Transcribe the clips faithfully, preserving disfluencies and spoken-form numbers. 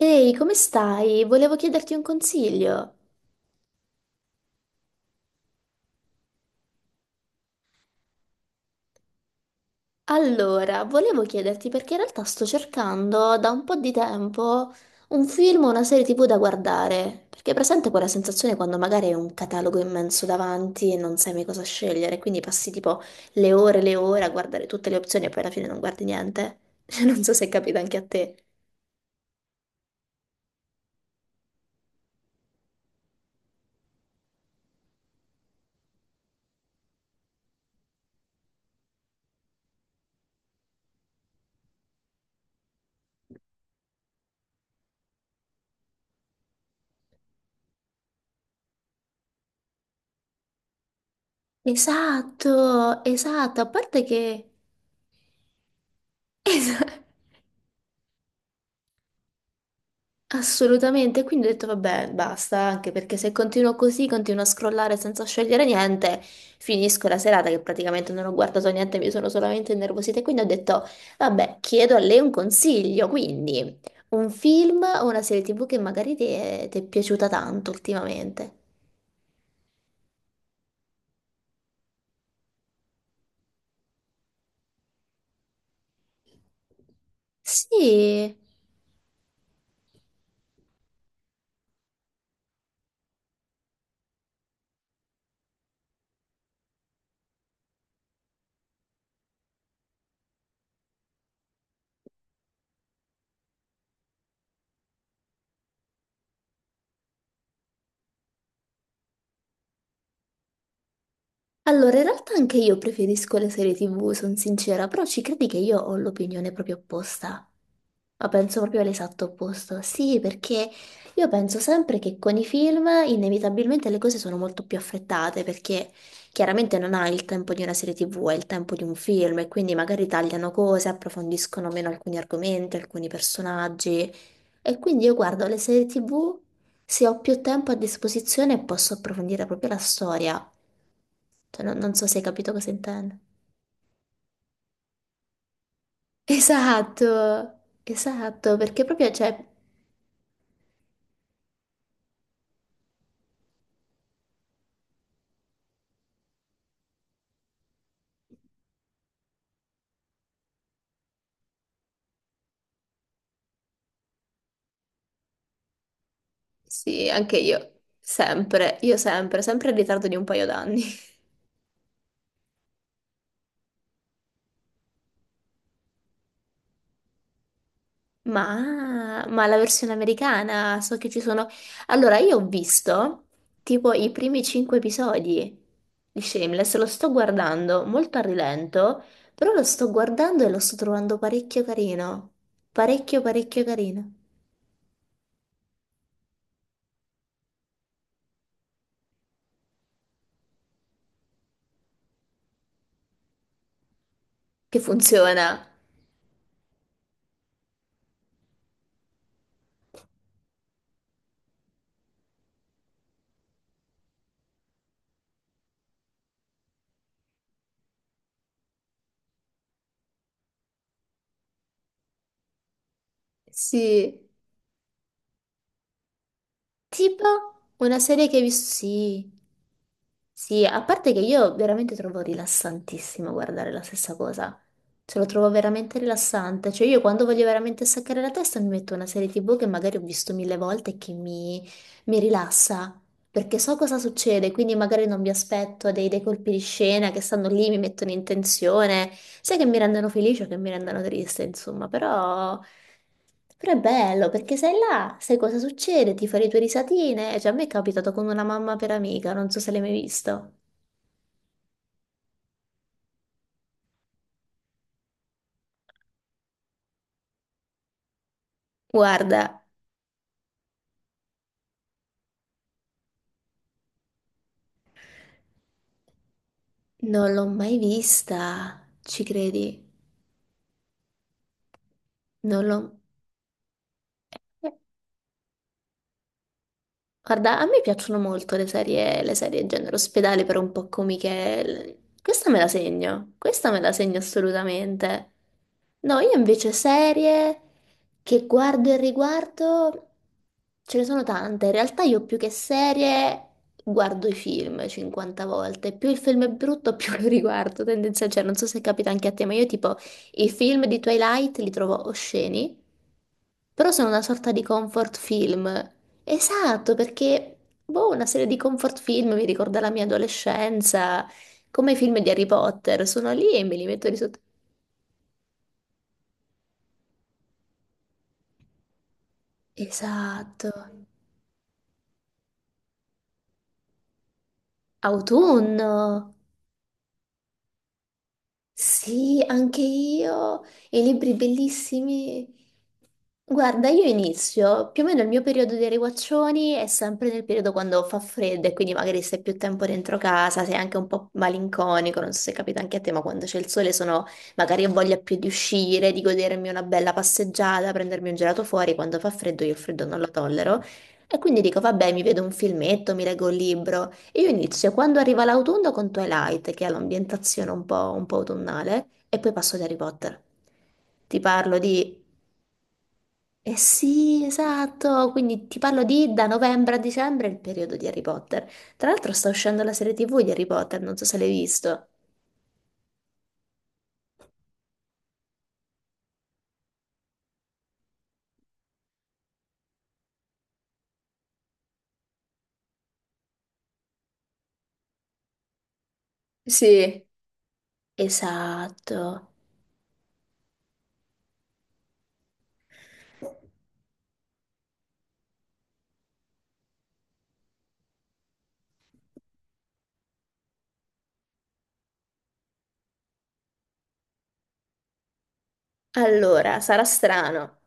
Ehi, come stai? Volevo chiederti un consiglio. Allora, volevo chiederti perché in realtà sto cercando da un po' di tempo un film o una serie ti vu da guardare, perché è presente quella sensazione quando magari hai un catalogo immenso davanti e non sai mai cosa scegliere, quindi passi tipo le ore e le ore a guardare tutte le opzioni e poi alla fine non guardi niente. Non so se è capita anche a te. Esatto, esatto, a parte che... Esatto. Assolutamente, quindi ho detto vabbè, basta, anche perché se continuo così, continuo a scrollare senza scegliere niente, finisco la serata che praticamente non ho guardato niente, mi sono solamente innervosita, e quindi ho detto vabbè, chiedo a lei un consiglio, quindi un film o una serie ti vu che magari ti è, ti è piaciuta tanto ultimamente. Sì. Allora, in realtà anche io preferisco le serie ti vu, sono sincera, però ci credi che io ho l'opinione proprio opposta? Ma penso proprio all'esatto opposto. Sì, perché io penso sempre che con i film inevitabilmente le cose sono molto più affrettate, perché chiaramente non hai il tempo di una serie ti vu, hai il tempo di un film, e quindi magari tagliano cose, approfondiscono meno alcuni argomenti, alcuni personaggi. E quindi io guardo le serie ti vu. Se ho più tempo a disposizione posso approfondire proprio la storia. Cioè, non, non so se hai capito cosa intendo. Esatto, esatto, perché proprio, cioè, sì, anche io, sempre, io sempre, sempre in ritardo di un paio d'anni. Ma, ma la versione americana, so che ci sono... Allora, io ho visto tipo i primi cinque episodi di Shameless, lo sto guardando molto a rilento, però lo sto guardando e lo sto trovando parecchio carino. Parecchio, parecchio carino. Che funziona. Sì. Tipo una serie che hai visto... Sì. Sì, a parte che io veramente trovo rilassantissimo guardare la stessa cosa. Ce lo trovo veramente rilassante. Cioè io quando voglio veramente staccare la testa mi metto una serie ti vu che magari ho visto mille volte e che mi, mi rilassa perché so cosa succede, quindi magari non mi aspetto dei, dei colpi di scena che stanno lì, mi mettono in tensione, sia che mi rendano felice o che mi rendano triste, insomma, però, però è bello perché sei là, sai cosa succede, ti fai le tue risatine. Eh, cioè a me è capitato con una mamma per amica, non so se l'hai mai visto. Guarda, non l'ho mai vista, ci credi? Non l'ho... eh, Guarda, a me piacciono molto le serie, le serie genere ospedale, però un po' comiche. Questa me la segno, questa me la segno assolutamente. No, io invece serie che guardo e riguardo, ce ne sono tante. In realtà io più che serie guardo i film cinquanta volte. Più il film è brutto, più lo riguardo. Tendenza, cioè, non so se capita anche a te, ma io tipo i film di Twilight li trovo osceni, però sono una sorta di comfort film. Esatto, perché boh, una serie di comfort film mi ricorda la mia adolescenza, come i film di Harry Potter, sono lì e me li metto di sotto. Esatto. Autunno. Sì, anche io, e libri bellissimi. Guarda, io inizio, più o meno il mio periodo dei riguaccioni è sempre nel periodo quando fa freddo e quindi magari stai più tempo dentro casa, sei anche un po' malinconico, non so se capita anche a te, ma quando c'è il sole sono, magari ho voglia più di uscire, di godermi una bella passeggiata, prendermi un gelato fuori, quando fa freddo io il freddo non lo tollero. E quindi dico, vabbè, mi vedo un filmetto, mi leggo un libro. Io inizio quando arriva l'autunno con Twilight, che ha l'ambientazione un po', un po' autunnale, e poi passo ad Harry Potter. Ti parlo di... Eh sì, esatto, quindi ti parlo di da novembre a dicembre il periodo di Harry Potter. Tra l'altro sta uscendo la serie ti vu di Harry Potter, non so se l'hai visto. Sì. Esatto. Allora, sarà strano,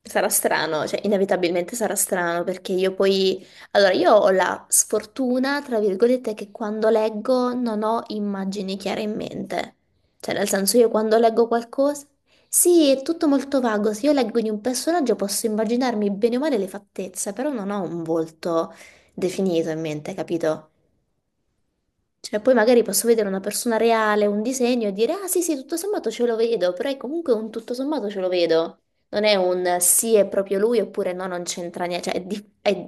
sarà strano, cioè inevitabilmente sarà strano perché io poi, allora io ho la sfortuna, tra virgolette, che quando leggo non ho immagini chiare in mente, cioè nel senso io quando leggo qualcosa, sì, è tutto molto vago, se io leggo di un personaggio posso immaginarmi bene o male le fattezze, però non ho un volto definito in mente, capito? Cioè, poi magari posso vedere una persona reale, un disegno e dire, ah sì, sì, tutto sommato ce lo vedo, però è comunque un tutto sommato ce lo vedo. Non è un sì, è proprio lui, oppure no, non c'entra niente. Cioè, è di- è-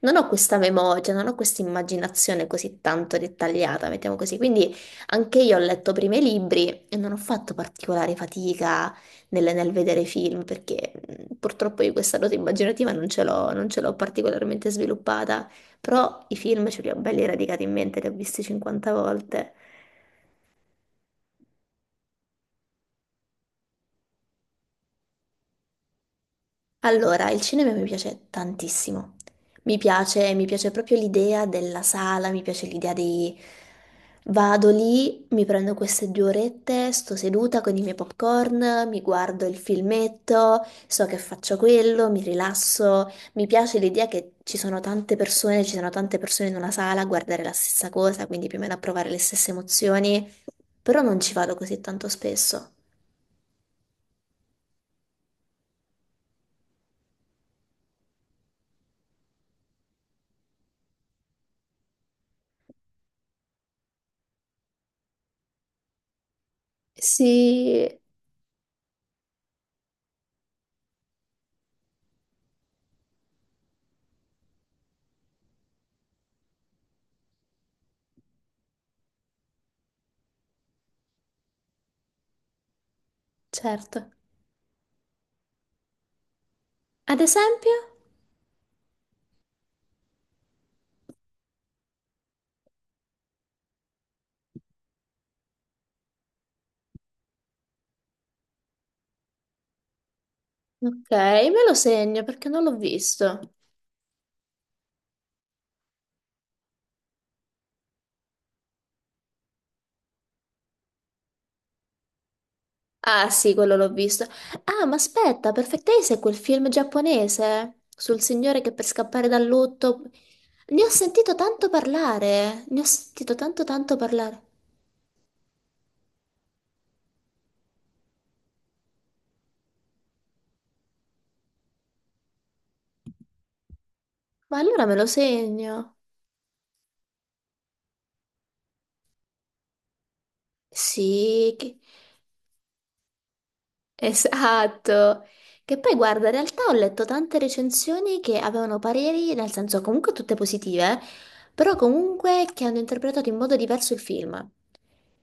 non ho questa memoria, cioè, non ho questa immaginazione così tanto dettagliata, mettiamo così. Quindi anche io ho letto prima i libri e non ho fatto particolare fatica nel, nel vedere film, perché mh, purtroppo io questa dote immaginativa non ce l'ho, non ce l'ho particolarmente sviluppata. Però i film ce li ho belli radicati in mente, li ho visti cinquanta volte. Allora, il cinema mi piace tantissimo. Mi piace, mi piace proprio l'idea della sala, mi piace l'idea di... Vado lì, mi prendo queste due orette, sto seduta con i miei popcorn, mi guardo il filmetto, so che faccio quello, mi rilasso. Mi piace l'idea che ci sono tante persone, ci sono tante persone in una sala a guardare la stessa cosa, quindi più o meno a provare le stesse emozioni, però non ci vado così tanto spesso. Sì, certo. Ad esempio? Ok, me lo segno perché non l'ho visto. Ah, sì, quello l'ho visto. Ah, ma aspetta, Perfect Days è quel film giapponese sul signore che per scappare dal lutto. Ne ho sentito tanto parlare, ne ho sentito tanto tanto parlare. Ma allora me lo segno. Sì, che- Esatto. Che poi guarda, in realtà ho letto tante recensioni che avevano pareri, nel senso comunque tutte positive, però comunque che hanno interpretato in modo diverso il film.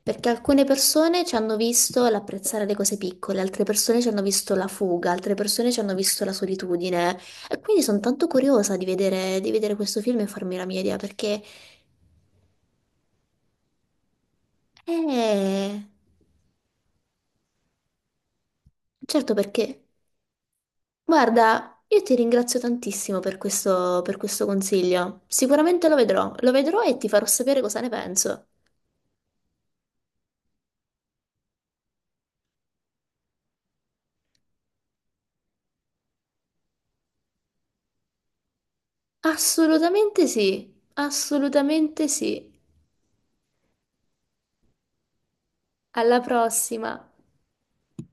Perché alcune persone ci hanno visto l'apprezzare le cose piccole, altre persone ci hanno visto la fuga, altre persone ci hanno visto la solitudine. E quindi sono tanto curiosa di vedere, di vedere questo film e farmi la mia idea, perché... Eh, certo perché... Guarda, io ti ringrazio tantissimo per questo, per questo consiglio. Sicuramente lo vedrò, lo vedrò e ti farò sapere cosa ne penso. Assolutamente sì, assolutamente sì. Alla prossima.